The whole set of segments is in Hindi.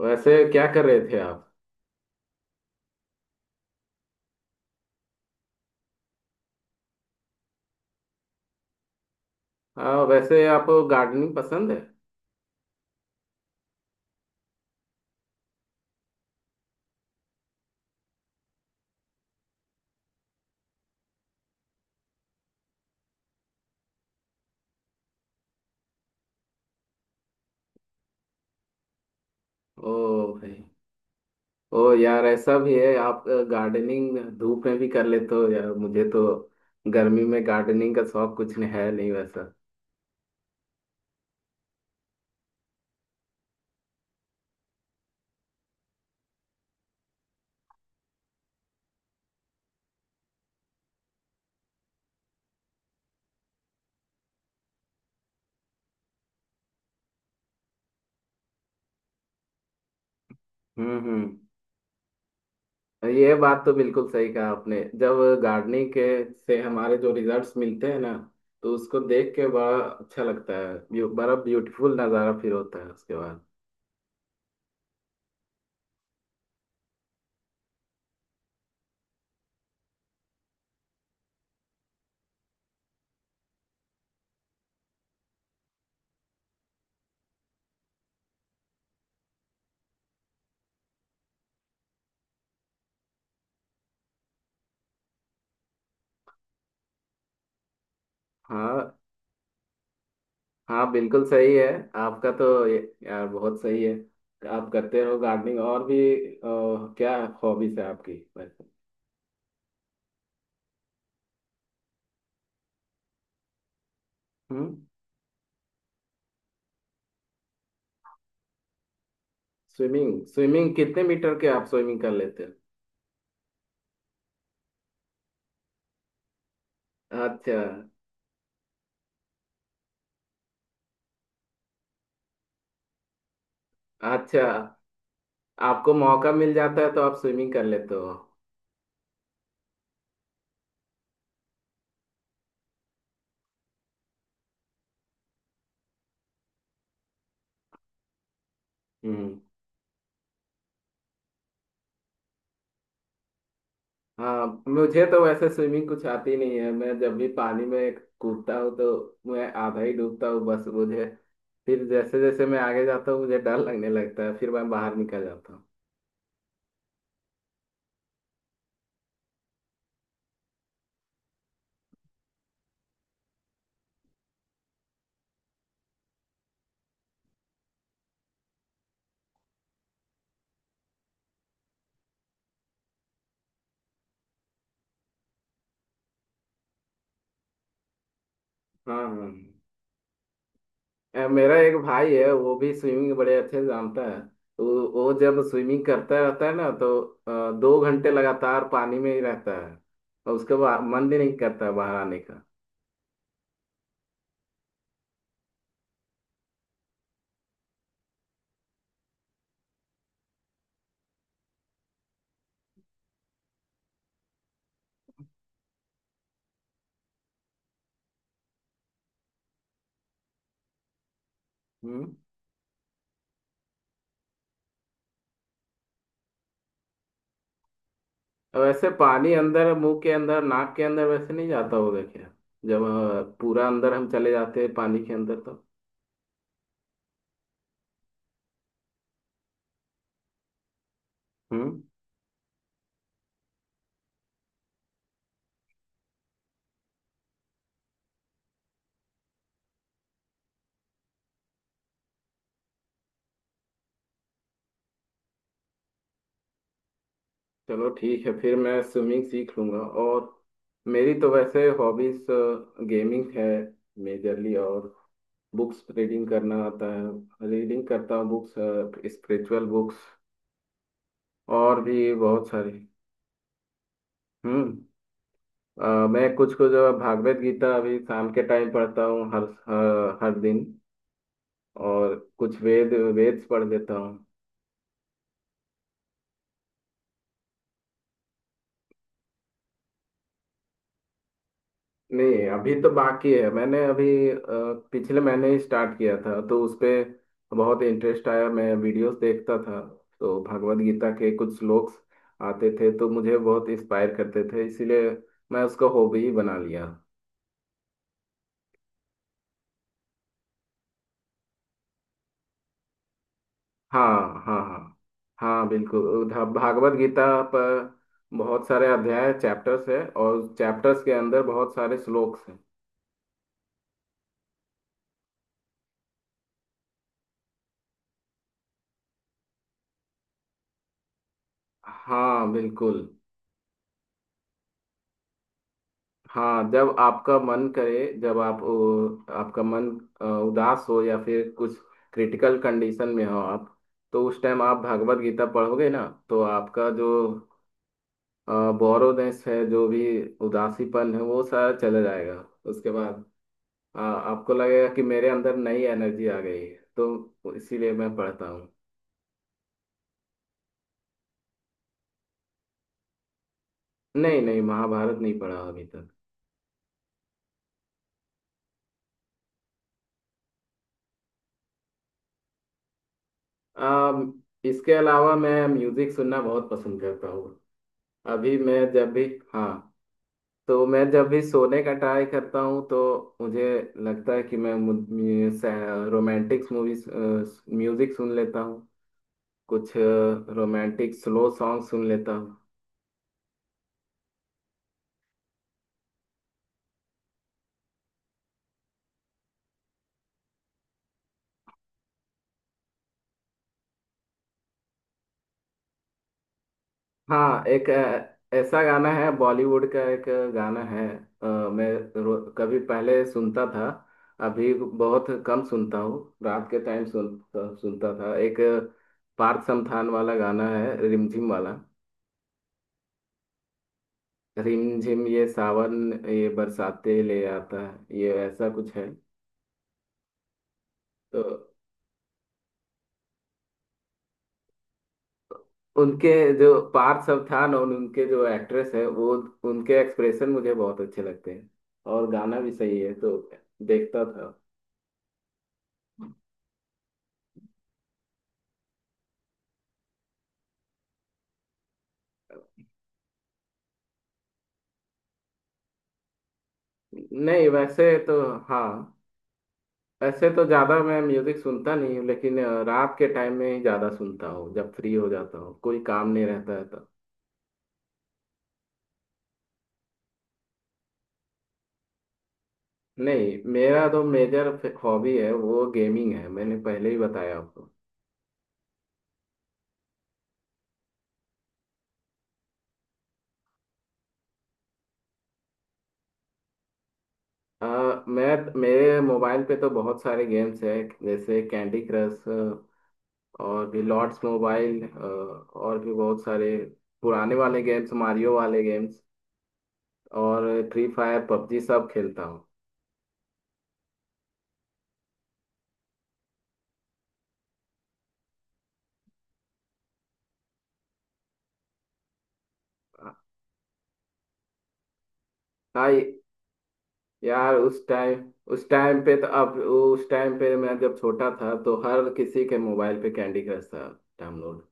वैसे क्या कर रहे थे आप। हाँ, वैसे आपको गार्डनिंग पसंद है। ओ भाई, ओ यार, ऐसा भी है आप गार्डनिंग धूप में भी कर लेते हो। यार मुझे तो गर्मी में गार्डनिंग का शौक कुछ नहीं है, नहीं वैसा। हम्म। ये बात तो बिल्कुल सही कहा आपने, जब गार्डनिंग के से हमारे जो रिजल्ट्स मिलते हैं ना, तो उसको देख के बड़ा अच्छा लगता है। बड़ा ब्यूटीफुल नज़ारा फिर होता है उसके बाद। हाँ, हाँ बिल्कुल सही है। आपका तो यार बहुत सही है। आप करते हो गार्डनिंग और भी, क्या हॉबीज है आपकी वैसे। हम्म। स्विमिंग, स्विमिंग कितने मीटर के आप स्विमिंग कर लेते हो। अच्छा, अच्छा आपको मौका मिल जाता है तो आप स्विमिंग कर लेते हो। हम्म। हाँ मुझे तो वैसे स्विमिंग कुछ आती नहीं है। मैं जब भी पानी में कूदता हूँ तो मैं आधा ही डूबता हूँ, बस मुझे फिर जैसे जैसे मैं आगे जाता हूँ मुझे डर लगने लगता है, फिर मैं बाहर निकल जाता हूँ। हाँ हाँ। मेरा एक भाई है, वो भी स्विमिंग बड़े अच्छे से जानता है। वो जब स्विमिंग करता रहता है ना, तो 2 घंटे लगातार पानी में ही रहता है। और उसके बाद मन भी नहीं करता है बाहर आने का। हम्म। और वैसे पानी अंदर, मुंह के अंदर, नाक के अंदर वैसे नहीं जाता होगा क्या, जब पूरा अंदर हम चले जाते हैं पानी के अंदर तो। हम्म। चलो ठीक है, फिर मैं स्विमिंग सीख लूंगा। और मेरी तो वैसे हॉबीज गेमिंग है मेजरली। और बुक्स रीडिंग करना आता है, रीडिंग करता हूँ बुक्स, स्पिरिचुअल बुक्स और भी बहुत सारी। हम्म। मैं कुछ कुछ भागवत गीता अभी शाम के टाइम पढ़ता हूँ, हर हर हर दिन। और कुछ वेद्स पढ़ लेता हूँ। नहीं, अभी तो बाकी है। मैंने अभी पिछले महीने ही स्टार्ट किया था, तो उस पे बहुत इंटरेस्ट आया। मैं वीडियोस देखता था तो भगवद गीता के कुछ श्लोक आते थे, तो मुझे बहुत इंस्पायर करते थे, इसीलिए मैं उसको हॉबी ही बना लिया। हाँ, हाँ हाँ। हाँ बिल्कुल, भागवत गीता पर बहुत सारे अध्याय चैप्टर्स है, और चैप्टर्स के अंदर बहुत सारे श्लोक्स हैं। हाँ बिल्कुल। हाँ जब आपका मन करे, जब आप, आपका मन उदास हो या फिर कुछ क्रिटिकल कंडीशन में हो आप, तो उस टाइम आप भागवत गीता पढ़ोगे ना, तो आपका जो बोरोनेस है, जो भी उदासीपन है, वो सारा चला जाएगा। उसके बाद आपको लगेगा कि मेरे अंदर नई एनर्जी आ गई है, तो इसीलिए मैं पढ़ता हूँ। नहीं नहीं, महाभारत नहीं पढ़ा अभी तक। अ, इसके अलावा मैं म्यूजिक सुनना बहुत पसंद करता हूँ। अभी मैं जब भी, हाँ, तो मैं जब भी सोने का ट्राई करता हूँ तो मुझे लगता है कि मैं रोमांटिक मूवीज म्यूजिक सुन लेता हूँ, कुछ रोमांटिक स्लो सॉन्ग सुन लेता हूँ। हाँ एक, ऐसा गाना है, बॉलीवुड का एक गाना है। मैं कभी पहले सुनता था, अभी बहुत कम सुनता हूँ। रात के टाइम सुनता था एक, पार्थ समथान वाला गाना है, रिमझिम वाला। रिम झिम ये सावन, ये बरसाते ले आता है, ये ऐसा कुछ है। तो उनके जो पार्थ सब था ना, उनके जो एक्ट्रेस है वो, उनके एक्सप्रेशन मुझे बहुत अच्छे लगते हैं, और गाना भी सही है तो देखता था। नहीं वैसे तो, हाँ वैसे तो ज़्यादा मैं म्यूज़िक सुनता नहीं हूँ, लेकिन रात के टाइम में ही ज़्यादा सुनता हूँ, जब फ्री हो जाता हूँ कोई काम नहीं रहता है तो। नहीं, मेरा तो मेजर हॉबी है वो गेमिंग है, मैंने पहले ही बताया आपको। अ, मैं, मेरे मोबाइल पे तो बहुत सारे गेम्स हैं, जैसे कैंडी क्रश, और भी लॉर्ड्स मोबाइल, और भी बहुत सारे पुराने वाले गेम्स, मारियो वाले गेम्स, और फ्री फायर, पबजी सब खेलता हूँ। हाँ यार उस टाइम, उस टाइम पे तो अब उस टाइम पे मैं जब छोटा था तो हर किसी के मोबाइल पे कैंडी क्रश था डाउनलोड।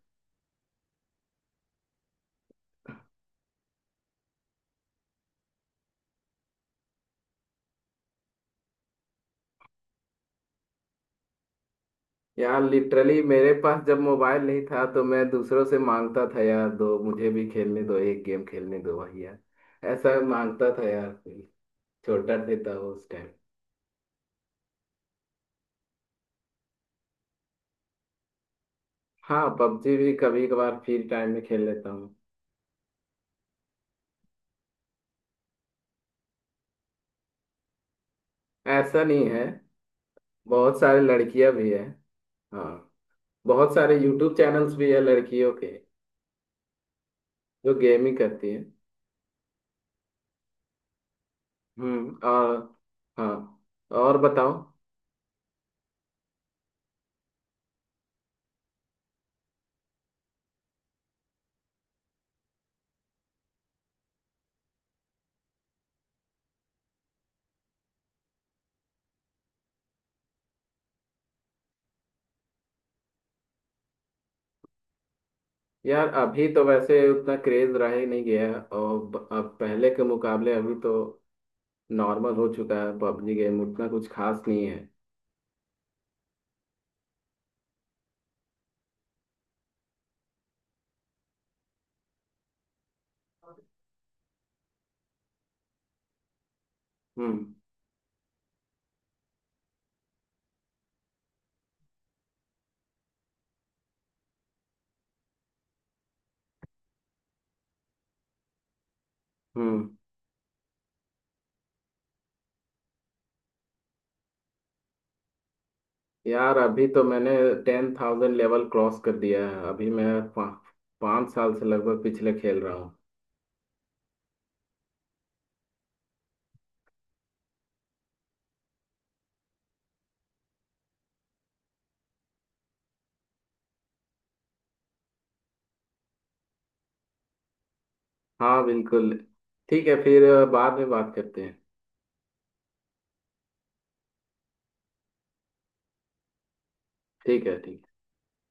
यार लिटरली मेरे पास जब मोबाइल नहीं था, तो मैं दूसरों से मांगता था, यार दो मुझे भी खेलने दो, एक गेम खेलने दो भैया, ऐसा मांगता था यार, छोटा देता हूँ उस टाइम। हाँ पबजी भी कभी कभार फ्री टाइम में खेल लेता हूँ। ऐसा नहीं है, बहुत सारे लड़कियां भी है। हाँ, बहुत सारे यूट्यूब चैनल्स भी है लड़कियों के जो गेमिंग करती है। और। हाँ, और बताओ। यार अभी तो वैसे उतना क्रेज रहा ही नहीं गया है, और अब पहले के मुकाबले अभी तो नॉर्मल हो चुका है, पबजी गेम उतना कुछ खास नहीं है। हम्म हम्म। यार अभी तो मैंने 10,000 लेवल क्रॉस कर दिया है। अभी मैं 5 साल से लगभग पिछले खेल रहा हूँ। हाँ बिल्कुल, ठीक है फिर, बाद में बात करते हैं। ठीक है, ठीक।